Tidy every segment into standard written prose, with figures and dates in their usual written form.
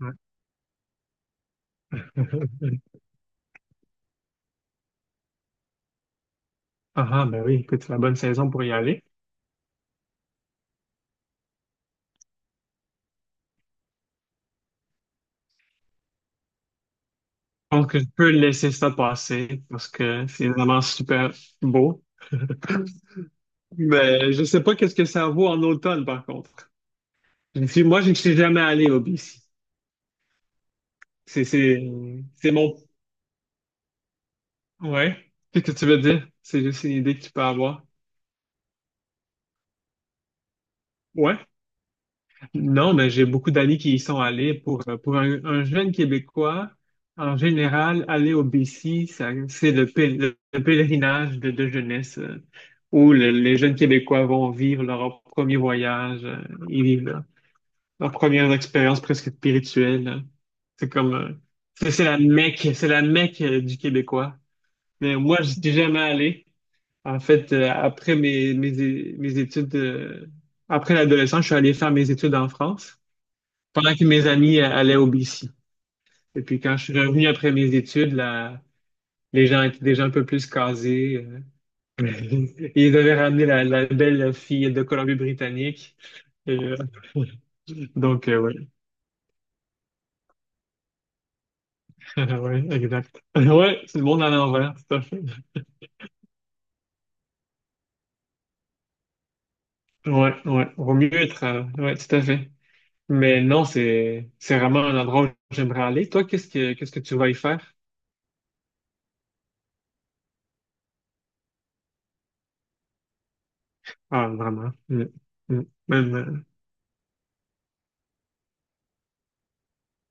Ouais. Ah, ah, ben oui, écoute, c'est la bonne saison pour y aller. Je pense que je peux laisser ça passer parce que c'est vraiment super beau. Mais je sais pas qu'est-ce que ça vaut en automne, par contre. Je ne suis- Moi, je ne suis jamais allé au BC. C'est, c'est, c'est mon. Ouais. Qu'est-ce que tu veux dire? C'est juste une idée que tu peux avoir. Ouais. Non, mais j'ai beaucoup d'amis qui y sont allés. Pour un jeune Québécois, en général, aller au BC, c'est le pèlerinage de jeunesse, où les jeunes Québécois vont vivre leur premier voyage. Ils vivent leur première expérience presque spirituelle. C'est comme, euh, c'est la Mecque, c'est la Mecque du Québécois. Mais moi, je suis jamais allé. En fait, après mes études, après l'adolescence, je suis allé faire mes études en France pendant que mes amis allaient au BC. Et puis quand je suis revenu après mes études, là, les gens étaient déjà un peu plus casés. Ils devaient ramener la belle fille de Colombie-Britannique. Et, euh, donc, ouais. Ouais, exact. Ouais, c'est le monde à l'envers, tout à fait. Ouais, ouais. Vaut mieux être. Ouais, tout à fait. Mais non, c'est vraiment un endroit où j'aimerais aller. Toi, qu'est-ce que tu vas y faire? Ah, vraiment. Mm, mm. Même,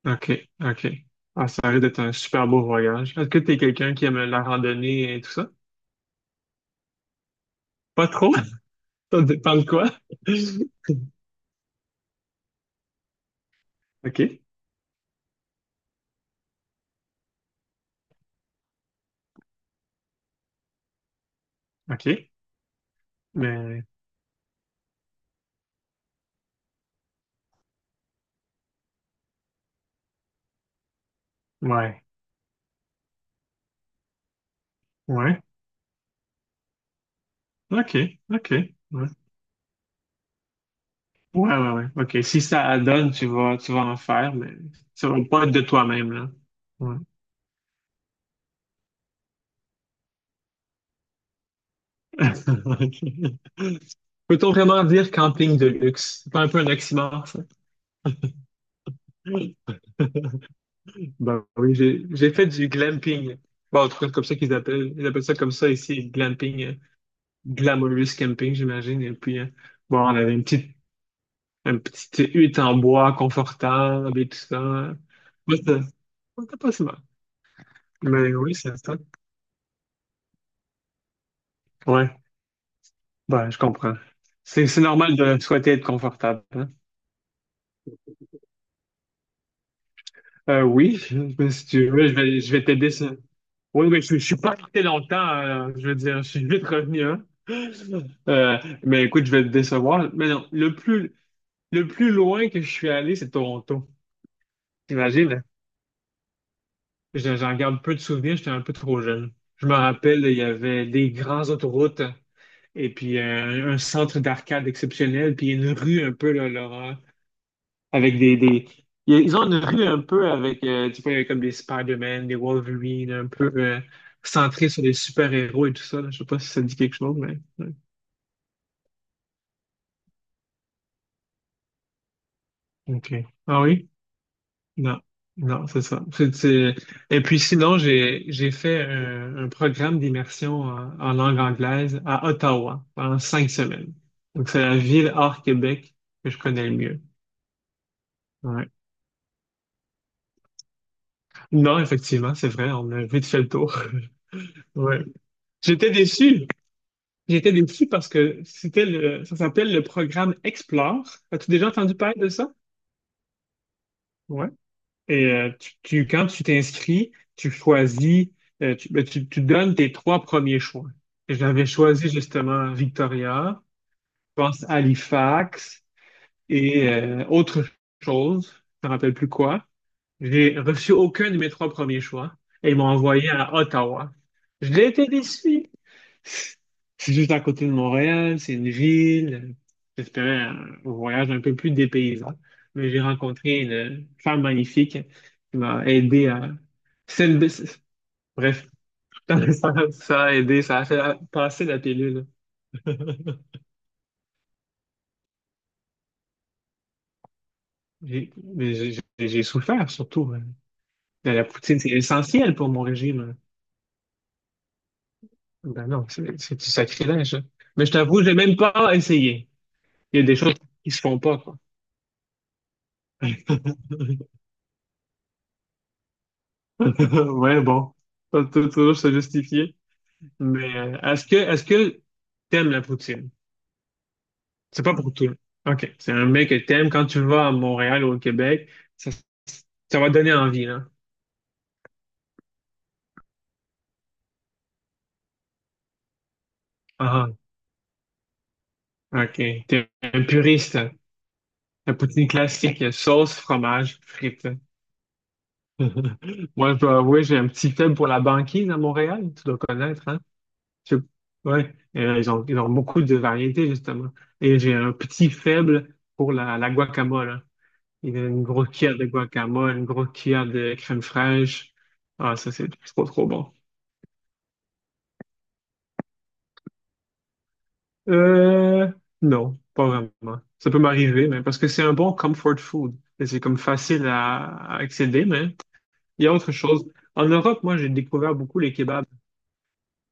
OK, OK. Ah, ça risque d'être un super beau voyage. Est-ce que t'es quelqu'un qui aime la randonnée et tout ça? Pas trop? Ça dépend de quoi? OK, OK. Mais, ouais, ouais. OK, OK. Ouais, ouais, ouais, ouais. OK, si ça donne, tu vas en faire, mais ça va pas être de toi-même, là. Ouais. OK. Peut-on vraiment dire camping de luxe? C'est pas un peu un oxymore, ça? Bah oui, j'ai fait du glamping. Bon, en tout cas, comme ça qu'ils appellent. Ils appellent ça comme ça ici, glamping, glamorous camping, j'imagine. Et puis, bon, on avait une petite hutte en bois confortable et tout ça. Moi, c'était pas si mal. Mais oui, c'est ça. Ouais, bah, je comprends. C'est normal de souhaiter être confortable, hein. Oui, mais si tu veux, je vais t'aider. Oui, mais je suis pas resté longtemps, je veux dire, je suis vite revenu, hein. Euh, mais écoute, je vais te décevoir. Mais non, le plus loin que je suis allé, c'est Toronto. T'imagines? J'en garde peu de souvenirs, j'étais un peu trop jeune. Je me rappelle, il y avait des grandes autoroutes et puis un centre d'arcade exceptionnel, puis une rue un peu, là, Laurent, avec des. Ils ont une rue un peu avec, tu vois, comme des Spider-Man, des Wolverine, un peu centré sur les super-héros et tout ça, là. Je sais pas si ça dit quelque chose, mais ouais. OK. Ah oui? Non, non, c'est ça. Et puis sinon, j'ai fait un programme d'immersion en langue anglaise à Ottawa pendant 5 semaines. Donc c'est la ville hors Québec que je connais le mieux. Ouais. Non, effectivement, c'est vrai, on a vite fait le tour. Ouais. J'étais déçu. J'étais déçu parce que ça s'appelle le programme Explore. As-tu déjà entendu parler de ça? Et quand tu t'inscris, tu choisis, ben, tu donnes tes trois premiers choix. Et j'avais choisi justement Victoria, je pense Halifax et autre chose, je ne me rappelle plus quoi. J'ai reçu aucun de mes trois premiers choix et ils m'ont envoyé à Ottawa. Je l'ai été déçu. C'est juste à côté de Montréal, c'est une ville. J'espérais un voyage un peu plus dépaysant. Mais j'ai rencontré une femme magnifique qui m'a aidé à. c'est une- Bref, ça a aidé, ça a fait passer la pilule. Mais j'ai souffert surtout, hein. Mais la poutine, c'est essentiel pour mon régime. Ben non, c'est du sacrilège. Mais je t'avoue, j'ai même pas essayé. Il y a des choses qui se font pas, quoi. Ouais, bon, faut toujours se justifier. Mais est-ce que t'aimes la poutine? C'est pas pour tout. OK, c'est un mec que t'aimes. Quand tu vas à Montréal ou au Québec, ça, ça va donner envie, là. Ah, OK, t'es un puriste. La poutine classique, sauce, fromage, frites. Moi, je dois avouer, j'ai un petit faible pour la banquise à Montréal, tu dois connaître, hein? Je- Ouais, ils ont beaucoup de variétés, justement. Et j'ai un petit faible pour la guacamole, hein. Il y a une grosse cuillère de guacamole, une grosse cuillère de crème fraîche. Ah, ça, c'est trop, trop bon. Euh, non, pas vraiment. Ça peut m'arriver, mais parce que c'est un bon comfort food. Et c'est comme facile à accéder, mais il y a autre chose. En Europe, moi, j'ai découvert beaucoup les kebabs.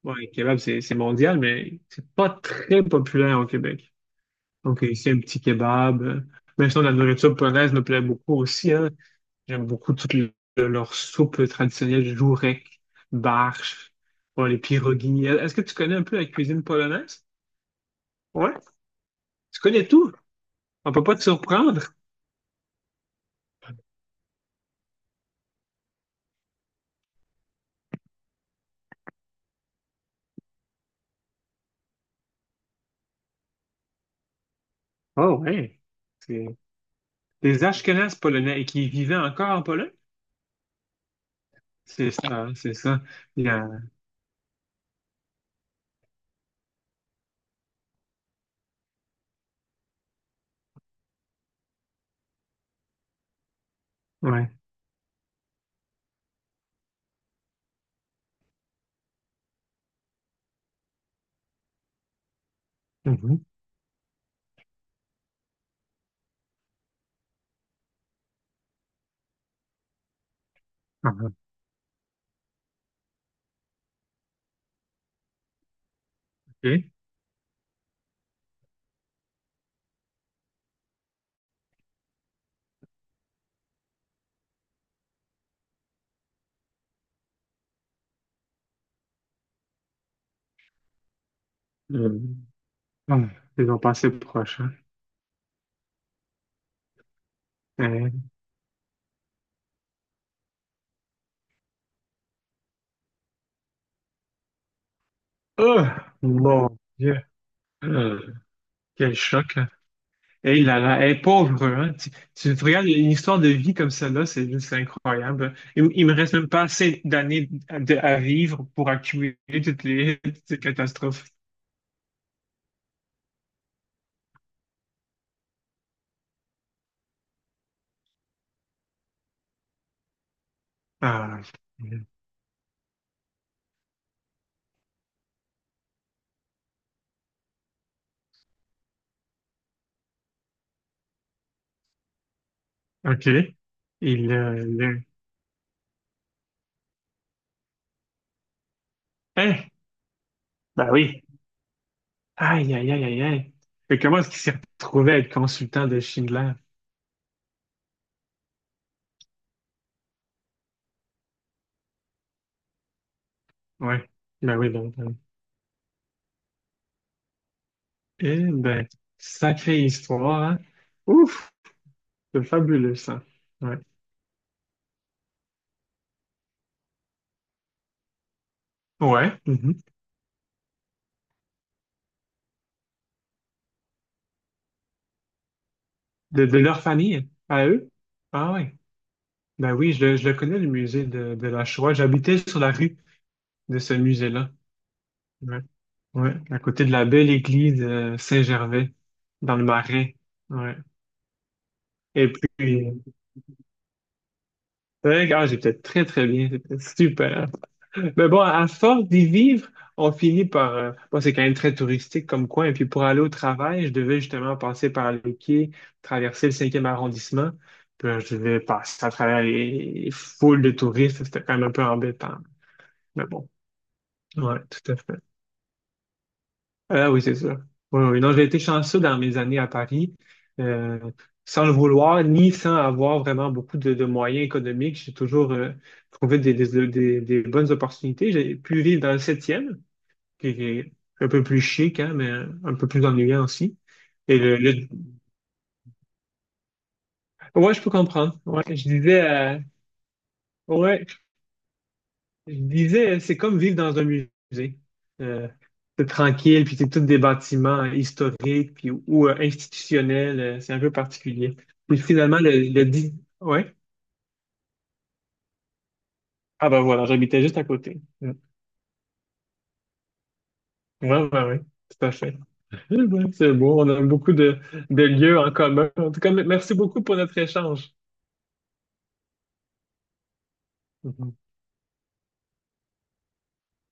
Bon, les kebabs, c'est mondial, mais c'est pas très populaire au Québec. Donc, ici, un petit kebab. Même sinon, la nourriture polonaise me plaît beaucoup aussi, hein. J'aime beaucoup toutes leurs soupes traditionnelles, jourek, barche, bon, les pierogies. Est-ce que tu connais un peu la cuisine polonaise? Ouais. Tu connais tout. On peut pas te surprendre. Oh, ouais. C'est des Ashkénazes polonais qui vivaient encore en Pologne. C'est ça, c'est ça. Il y a. Ouais. Mhm. Ah, OK Euh, ah, ils ont passé proche, hein. Euh, Oh, mon Dieu. Euh, Quel choc, hein. Hey là là, hey, pauvre, hein. Tu te regardes une histoire de vie comme celle-là, c'est juste incroyable. Il me reste même pas assez d'années à vivre pour accumuler toutes ces catastrophes. Ah, OK. Et le. Hein? Bah oui. Aïe, aïe, aïe, aïe, aïe. Mais comment est-ce qu'il s'est retrouvé à être consultant de Schindler? Ouais. Bah oui, ben, ben. Eh ben, sacrée histoire, hein. Ouf, c'est fabuleux ça. Ouais. Ouais. Mhm. De leur famille, à eux? Ah ouais. Ben oui, je le connais, le musée de la Shoah. J'habitais sur la rue de ce musée-là. Ouais. Ouais, à côté de la belle église Saint-Gervais, dans le Marais. Ouais. Et puis, ouais, ah, j'ai peut-être très, très bien. C'était super, hein? Mais bon, à force d'y vivre, on finit par. Bon, c'est quand même très touristique comme coin. Et puis pour aller au travail, je devais justement passer par les quais, traverser le cinquième arrondissement. Puis là, je devais passer à travers les foules de touristes. C'était quand même un peu embêtant. Mais bon, ouais, tout à fait. Ah oui, c'est sûr. Oui, oui. Non, j'ai été chanceux dans mes années à Paris. euh, Sans le vouloir, ni sans avoir vraiment beaucoup de moyens économiques, j'ai toujours trouvé des bonnes opportunités. J'ai pu vivre dans le septième, qui est un peu plus chic, hein, mais un peu plus ennuyant aussi. Et le, le- Ouais, je peux comprendre. Ouais, je disais, ouais, c'est comme vivre dans un musée. Euh, c'est tranquille, puis c'est tous des bâtiments historiques puis, ou institutionnels. C'est un peu particulier. Puis finalement, le dit. Ouais. Ah ben voilà, j'habitais juste à côté. Mm. Ouais, ouais, ouais. Tout à fait. Eh ben, c'est beau, on a beaucoup de lieux en commun. En tout cas, merci beaucoup pour notre échange. Mhm.